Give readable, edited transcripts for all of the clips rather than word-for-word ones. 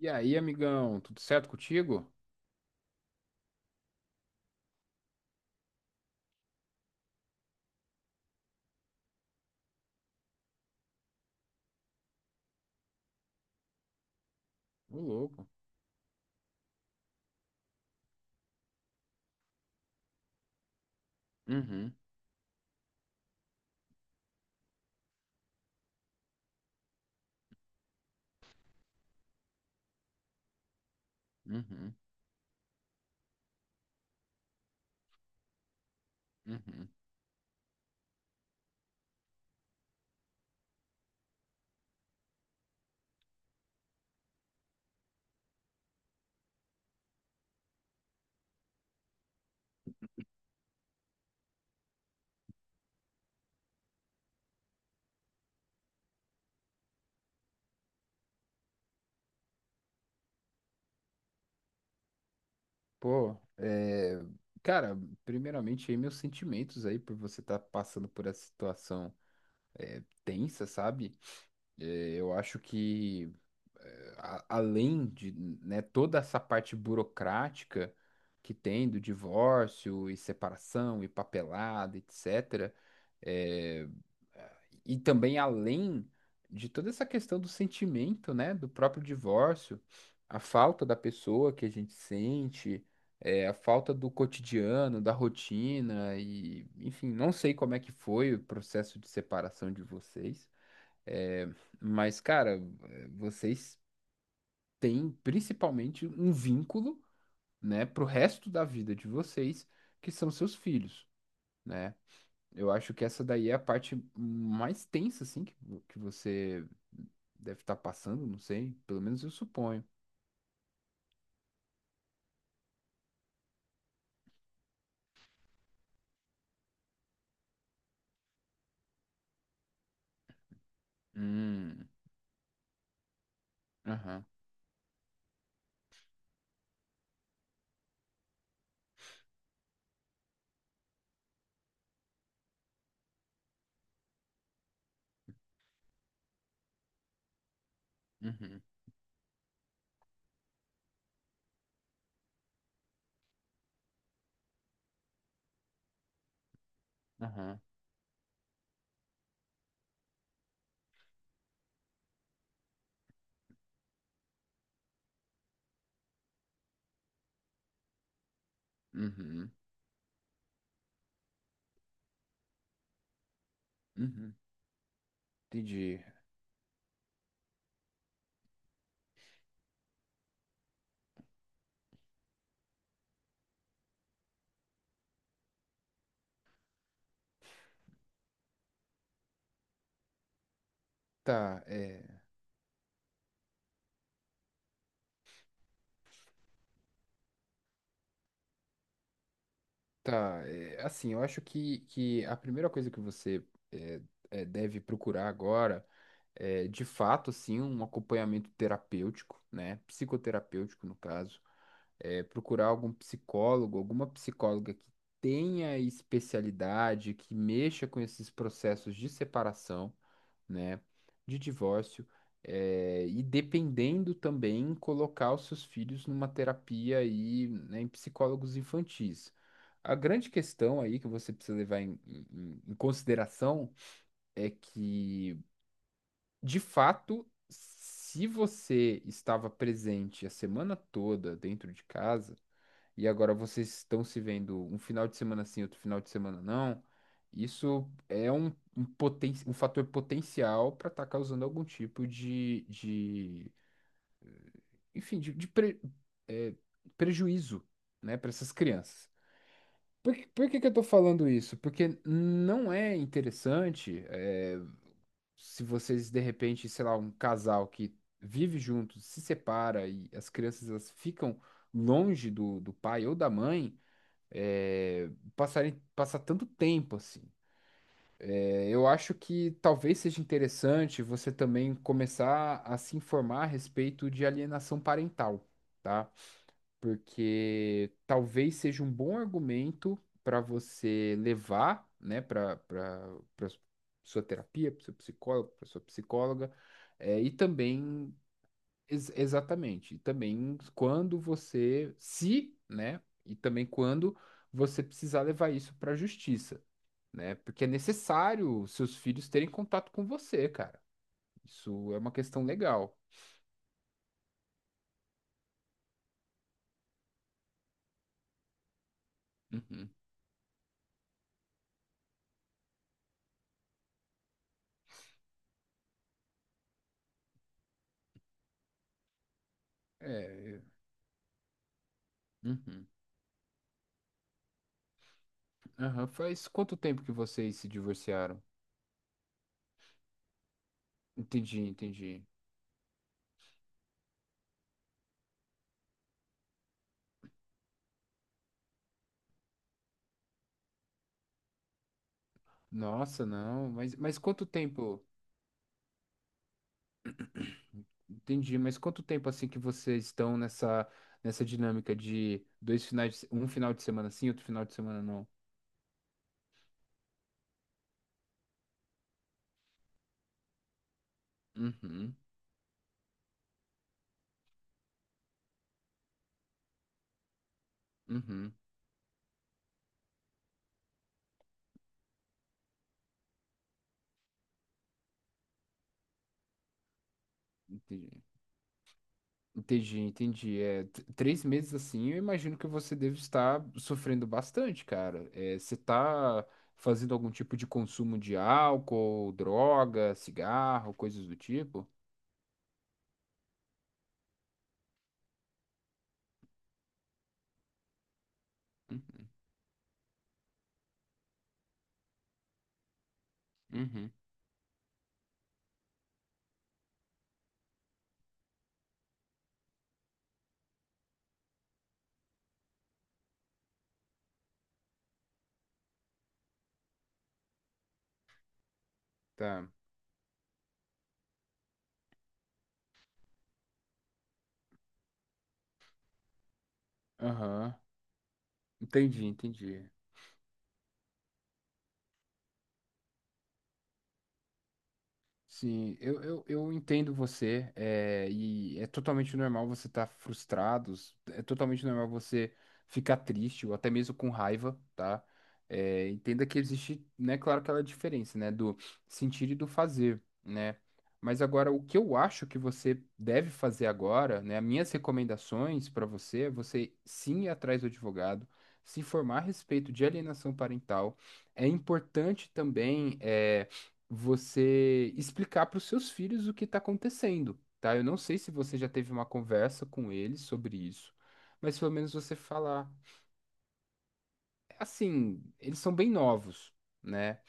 E aí, amigão, tudo certo contigo? Ô, louco. Uhum, uhum, uhum. Pô, é... cara, primeiramente aí meus sentimentos aí por você estar passando por essa situação tensa, sabe? É, eu acho que a- além de, né, toda essa parte burocrática que tem do divórcio e separação e papelada, etc. E também além de toda essa questão do sentimento, né, do próprio divórcio, a falta da pessoa que a gente sente, a falta do cotidiano, da rotina e, enfim, não sei como é que foi o processo de separação de vocês, é, mas, cara, vocês têm principalmente um vínculo, né, pro resto da vida de vocês, que são seus filhos. Né? Eu acho que essa daí é a parte mais tensa, assim, que você deve estar passando, não sei. Pelo menos eu suponho. Hum, aham, uhum, aham, uhum, uhum. Entendi. Tá, é, tá, é, assim, eu acho que a primeira coisa que você é, deve procurar agora de fato, assim, um acompanhamento terapêutico, né? Psicoterapêutico, no caso procurar algum psicólogo, alguma psicóloga que tenha especialidade, que mexa com esses processos de separação, né, de divórcio, e dependendo também colocar os seus filhos numa terapia aí, né, em psicólogos infantis. A grande questão aí que você precisa levar em consideração é que, de fato, se você estava presente a semana toda dentro de casa, e agora vocês estão se vendo um final de semana sim, outro final de semana não, isso é um, um, poten um fator potencial para estar causando algum tipo de enfim, de é, prejuízo, né, para essas crianças. Por que que eu tô falando isso? Porque não é interessante, se vocês de repente, sei lá, um casal que vive junto, se separa e as crianças elas ficam longe do, do pai ou da mãe, é, passar tanto tempo assim. É, eu acho que talvez seja interessante você também começar a se informar a respeito de alienação parental, tá? Porque talvez seja um bom argumento para você levar, né, para sua terapia, para seu psicólogo, para sua psicóloga, é, e também Ex- exatamente. E também quando você precisar levar isso para a justiça, né? Porque é necessário seus filhos terem contato com você, cara. Isso é uma questão legal. Uhum. É. Uhum. Aham. Faz quanto tempo que vocês se divorciaram? Entendi, entendi. Nossa, não. Mas quanto tempo? Entendi. Mas quanto tempo assim que vocês estão nessa dinâmica de dois finais, de se- um final de semana sim, outro final de semana não? Uhum, uhum, entendi. Entendi, entendi. É, t- três meses assim, eu imagino que você deve estar sofrendo bastante, cara. É, você tá fazendo algum tipo de consumo de álcool, droga, cigarro, coisas do tipo? Uhum, uhum, tá. Aham, entendi, entendi. Sim, eu entendo você, é, e é totalmente normal você estar frustrado, é totalmente normal você ficar triste ou até mesmo com raiva, tá? É, entenda que existe, né, claro, aquela diferença, né, do sentir e do fazer, né? Mas agora, o que eu acho que você deve fazer agora, né, as minhas recomendações para você é você sim ir atrás do advogado, se informar a respeito de alienação parental. É importante também, é, você explicar para os seus filhos o que está acontecendo, tá? Eu não sei se você já teve uma conversa com eles sobre isso, mas pelo menos você falar. É assim, eles são bem novos, né?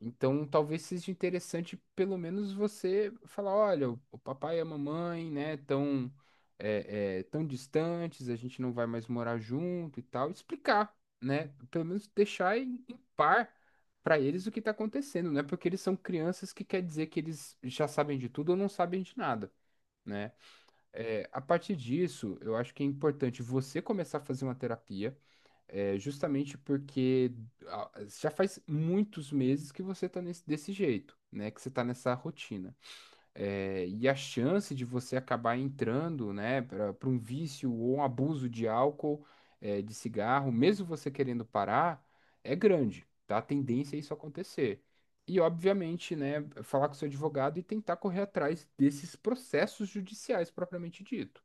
Então, talvez seja interessante pelo menos você falar, olha, o papai e a mamãe, né, tão, tão distantes, a gente não vai mais morar junto e tal, explicar, né, pelo menos deixar par para eles o que está acontecendo, né, porque eles são crianças que quer dizer que eles já sabem de tudo ou não sabem de nada, né. É, a partir disso, eu acho que é importante você começar a fazer uma terapia, é justamente porque ah, já faz muitos meses que você tá desse jeito, né? Que você tá nessa rotina. É, e a chance de você acabar entrando, né, para um vício ou um abuso de álcool, é, de cigarro, mesmo você querendo parar, é grande, tá? A tendência é isso acontecer. E, obviamente, né, falar com seu advogado e tentar correr atrás desses processos judiciais propriamente dito.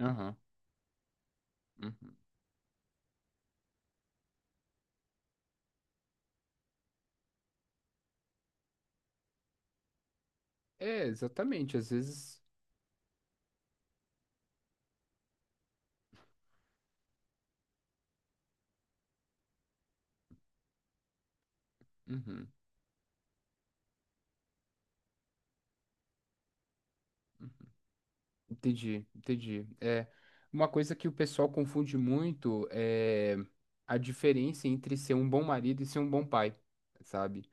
Aham. Uhum. É, exatamente. Às vezes. Uhum. Uhum. Entendi, entendi. É, uma coisa que o pessoal confunde muito é a diferença entre ser um bom marido e ser um bom pai, sabe?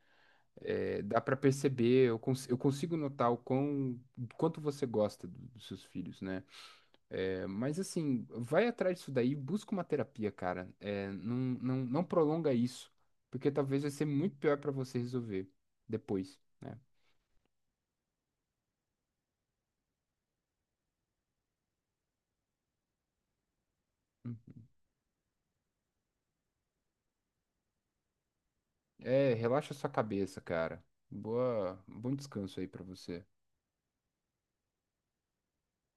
É, dá pra perceber, eu consigo notar o quão, quanto você gosta dos seus filhos, né? É, mas assim, vai atrás disso daí, busca uma terapia, cara. É, não prolonga isso, porque talvez vai ser muito pior pra você resolver depois, né? É, relaxa sua cabeça, cara. Boa, bom descanso aí pra você.